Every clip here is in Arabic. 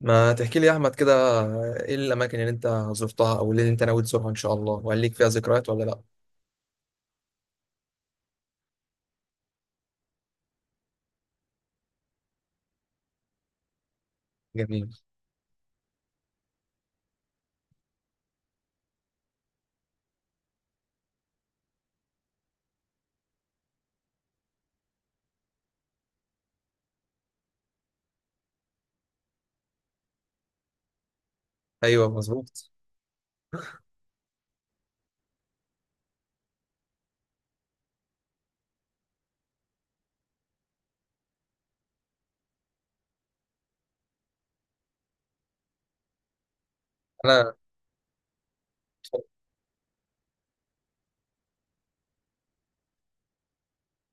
ما تحكي لي يا احمد كده، ايه الاماكن اللي انت زرتها او اللي انت ناوي تزورها ان شاء الله؟ وهل ليك فيها ذكريات ولا لا؟ جميل. ايوه مظبوط. انا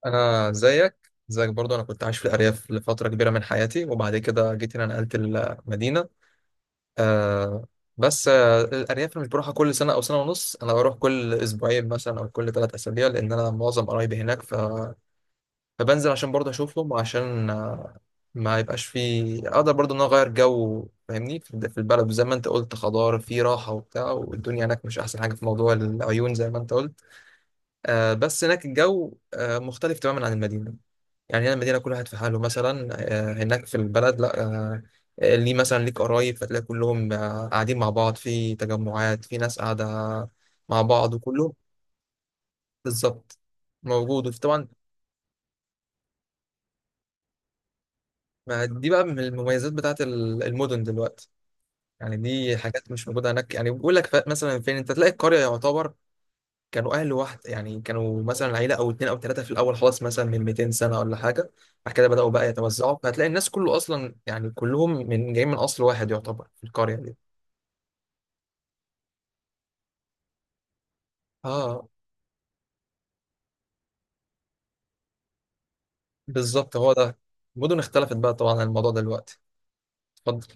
انا زيك زيك برضو، انا كنت عايش في الارياف لفتره كبيره من حياتي وبعد كده جيت هنا نقلت المدينه. آه بس الارياف أنا مش بروحها كل سنه او سنه ونص، انا بروح كل اسبوعين مثلا او كل ثلاث اسابيع لان انا معظم قرايبي هناك. فبنزل عشان برضه اشوفهم وعشان ما يبقاش في، اقدر برضه ان انا اغير جو. فاهمني، في البلد زي ما انت قلت خضار في راحه وبتاع، والدنيا هناك مش احسن حاجه في موضوع العيون زي ما انت قلت. بس هناك الجو مختلف تماما عن المدينه. يعني هنا المدينه كل واحد في حاله، مثلا هناك في البلد لا، آه ليه مثلا ليك قرايب فتلاقي كلهم قاعدين مع بعض في تجمعات، في ناس قاعده مع بعض وكلهم بالظبط موجود. وطبعا ما دي بقى من المميزات بتاعت المدن دلوقتي، يعني دي حاجات مش موجودة هناك. يعني بيقول لك، مثلا فين انت تلاقي القرية؟ يعتبر كانوا أهل واحد، يعني كانوا مثلا عيلة أو اتنين أو تلاتة في الأول خلاص، مثلا من 200 سنة ولا حاجة. بعد كده بدأوا بقى يتوزعوا، فهتلاقي الناس كله أصلا يعني كلهم من جايين من أصل واحد يعتبر في القرية دي. اه، بالظبط هو ده. المدن اختلفت بقى طبعا عن الموضوع ده دلوقتي. اتفضل.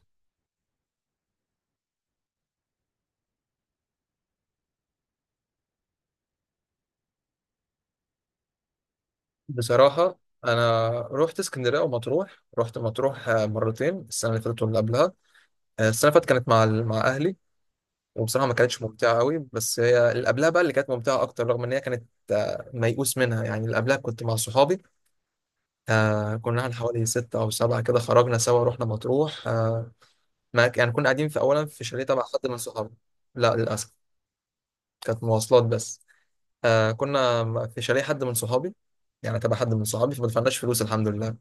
بصراحة أنا رحت اسكندرية ومطروح، رحت مطروح مرتين، السنة اللي فاتت واللي قبلها. السنة اللي فاتت كانت مع مع أهلي، وبصراحة ما كانتش ممتعة قوي، بس هي اللي قبلها بقى اللي كانت ممتعة أكتر، رغم إن هي كانت ميؤوس منها. يعني اللي قبلها كنت مع صحابي. كنا احنا حوالي ستة أو سبعة كده، خرجنا سوا رحنا مطروح. آه، ما ك- يعني كنا قاعدين في، أولا في شاليه تبع حد من صحابي. لا للأسف، كانت مواصلات بس. كنا في شاليه حد من صحابي، يعني تبع حد من صحابي، فما دفعناش فلوس الحمد لله.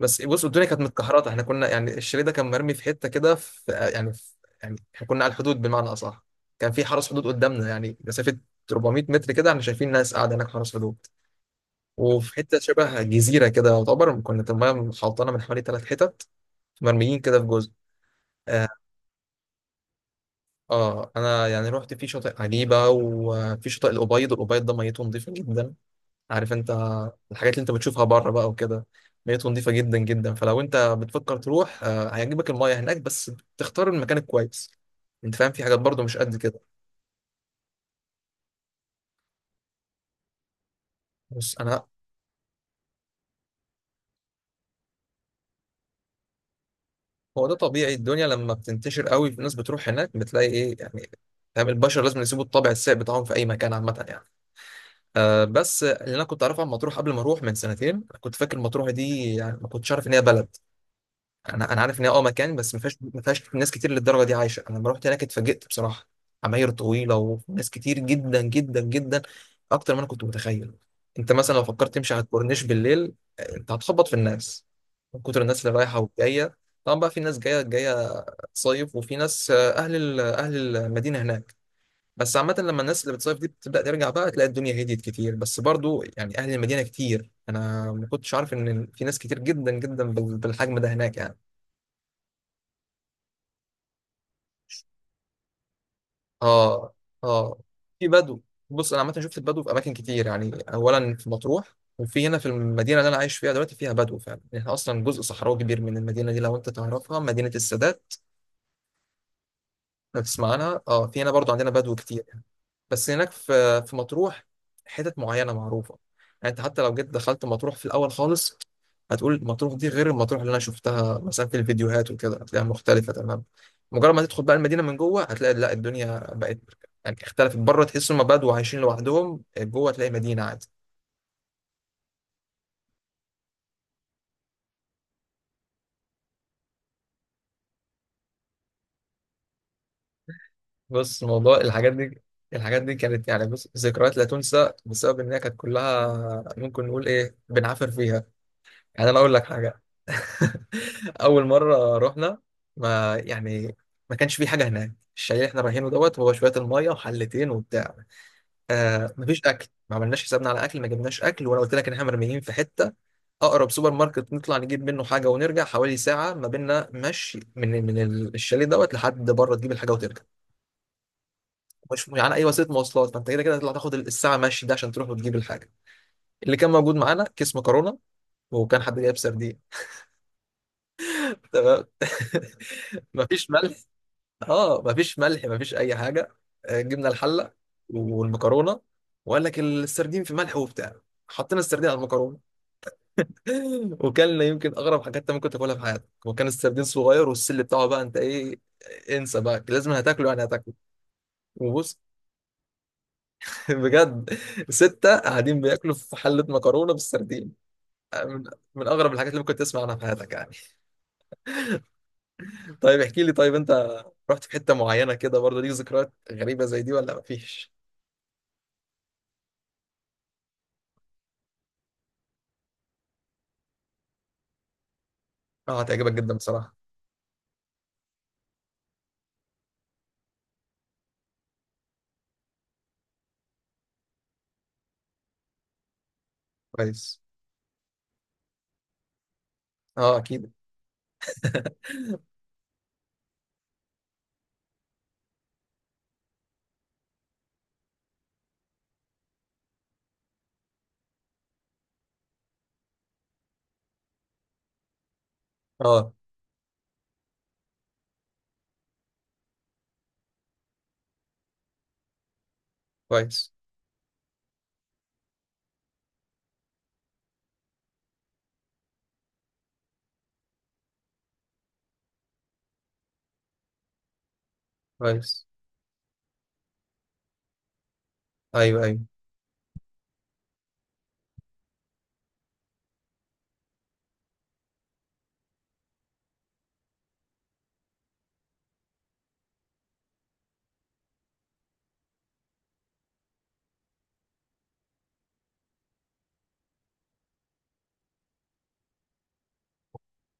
بس بص، الدنيا كانت متكهرطه، احنا كنا يعني الشاليه ده كان مرمي في حته كده، في يعني احنا كنا على الحدود بمعنى اصح، كان في حرس حدود قدامنا يعني مسافه 400 متر كده، احنا شايفين ناس قاعده هناك حرس حدود. وفي حته شبه جزيره كده يعتبر، كنا المايه محوطانه من حوالي ثلاث حتت، مرميين كده في جزء. اه، آه انا يعني رحت في شاطئ عجيبه وفي شاطئ الأبيض، الأبيض ده ميته نظيفه جدا. عارف انت الحاجات اللي انت بتشوفها بره بقى وكده، ميته نظيفه جدا جدا. فلو انت بتفكر تروح هيعجبك المايه هناك، بس تختار المكان الكويس. انت فاهم، في حاجات برضو مش قد كده. بص هو ده طبيعي، الدنيا لما بتنتشر قوي، الناس بتروح هناك بتلاقي ايه يعني، فاهم؟ البشر لازم يسيبوا الطابع السيء بتاعهم في اي مكان عامه يعني. أه، بس اللي انا كنت اعرفه عن مطروح قبل ما اروح من سنتين، كنت فاكر مطروح دي يعني ما كنتش عارف ان هي بلد. انا عارف ان هي اه مكان، بس ما فيهاش ناس كتير للدرجه دي عايشه. انا لما رحت هناك اتفاجئت بصراحه، عماير طويله وناس كتير جدا جدا جدا، اكتر ما انا كنت متخيل. انت مثلا لو فكرت تمشي على الكورنيش بالليل، انت هتخبط في الناس من كتر الناس اللي رايحه والجايه. طبعا بقى في ناس جايه تصيف، وفي ناس اهل المدينه هناك. بس عامه لما الناس اللي بتصيف دي بتبدا ترجع بقى، تلاقي الدنيا هديت كتير. بس برضو يعني اهل المدينه كتير، انا ما كنتش عارف ان في ناس كتير جدا جدا بالحجم ده هناك يعني. اه اه، في بدو. بص انا عامه شفت البدو في اماكن كتير، يعني اولا في مطروح، وفي هنا في المدينه اللي انا عايش فيها دلوقتي فيها بدو فعلا. احنا اصلا جزء صحراوي كبير من المدينه دي، لو انت تعرفها مدينه السادات، لو تسمع عنها، اه في هنا برضو عندنا بدو كتير. بس هناك في مطروح حتت معينه معروفه. يعني انت حتى لو جيت دخلت مطروح في الاول خالص، هتقول مطروح دي غير المطروح اللي انا شفتها مثلا في الفيديوهات وكده، هتلاقيها مختلفه تماما. مجرد ما تدخل بقى المدينه من جوه، هتلاقي لا الدنيا بقت يعني اختلفت. بره تحس هم بدو عايشين لوحدهم، جوه تلاقي مدينه عادي. بص، موضوع الحاجات دي، الحاجات دي كانت يعني بص ذكريات لا تنسى بسبب ان هي كانت كلها ممكن نقول ايه، بنعافر فيها. يعني انا اقول لك حاجه، اول مره رحنا، ما يعني ما كانش في حاجه هناك. الشاليه اللي احنا رايحينه دوت، هو شويه الميه وحلتين وبتاع. آه، مفيش اكل، ما عملناش حسابنا على اكل ما جبناش اكل، وانا قلت لك ان احنا مرميين في حته. اقرب سوبر ماركت نطلع نجيب منه حاجه ونرجع، حوالي ساعه ما بيننا مشي، من الشاليه دوت لحد بره تجيب الحاجه وترجع. مش يعني اي وسيله مواصلات، فانت كده كده هتطلع تاخد الساعه مشي ده عشان تروح وتجيب الحاجه. اللي كان موجود معانا كيس مكرونه، وكان حد جايب سردين. تمام. مفيش ملح. اه مفيش ملح، مفيش اي حاجه. جبنا الحله والمكرونه، وقال لك السردين في ملح وبتاع، حطينا السردين على المكرونه. وكلنا يمكن اغرب حاجات انت ممكن تاكلها في حياتك. وكان السردين صغير والسل بتاعه بقى، انت ايه، انسى بقى، لازم هتاكله يعني هتاكله. وبص، بجد، ستة قاعدين بياكلوا في حلة مكرونة بالسردين، من من أغرب الحاجات اللي ممكن تسمع عنها في حياتك يعني. طيب احكي لي، طيب انت رحت في حتة معينة كده برضه ليك ذكريات غريبة زي دي ولا مفيش؟ اه هتعجبك جدا بصراحة. كويس. اه اكيد. اه. كويس كويس. ايوه ايوه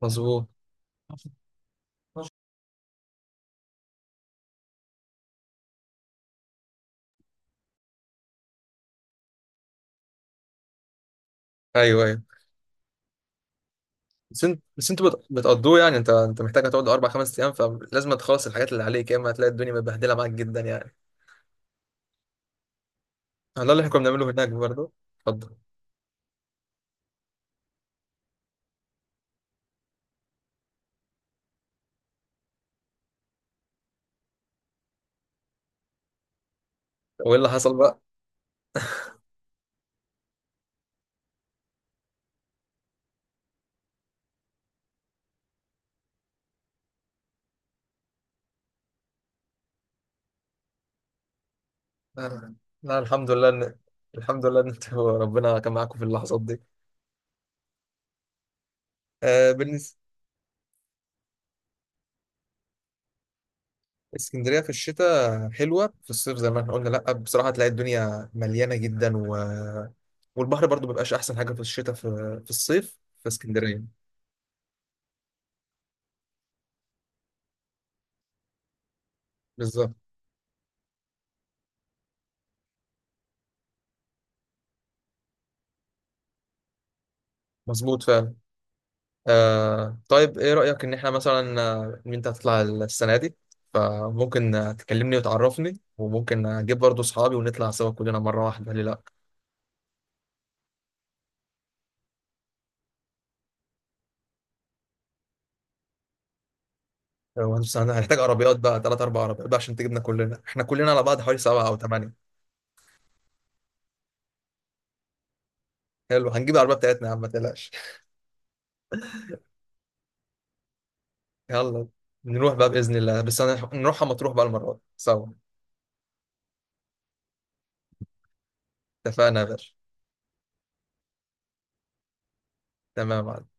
مظبوط. ايوه ايوه. بس انت، بتقضوه يعني، انت انت محتاج هتقعد اربع خمس ايام، فلازم تخلص الحاجات اللي عليك، يا اما هتلاقي الدنيا متبهدله معاك جدا يعني. ده اللي احنا كنا بنعمله هناك برضه. اتفضل. وايه اللي حصل بقى؟ لا لا، الحمد لله ان الحمد لله ان انتوا ربنا كان معاكم في اللحظات دي. آه بالنسبه، اسكندرية في الشتاء حلوة، في الصيف زي ما احنا قلنا لأ بصراحة هتلاقي الدنيا مليانة جدا و... والبحر برضو مبيبقاش أحسن حاجة في الشتاء، في الصيف في اسكندرية. بالظبط. مظبوط فعلا. آه طيب إيه رأيك إن احنا مثلا، إن أنت هتطلع السنة دي، فممكن تكلمني وتعرفني، وممكن أجيب برضو أصحابي ونطلع سوا كلنا مرة واحدة، ليه لأ؟ هنحتاج عربيات بقى، تلات أربع عربيات بقى عشان تجيبنا كلنا، احنا كلنا على بعض حوالي سبعة أو تمانية. حلو، هنجيب العربية بتاعتنا يا عم ما تقلقش. يلا نروح بقى بإذن الله، بس أنا نروح مطروح بقى المرة دي سوا. اتفقنا يا باشا. تمام.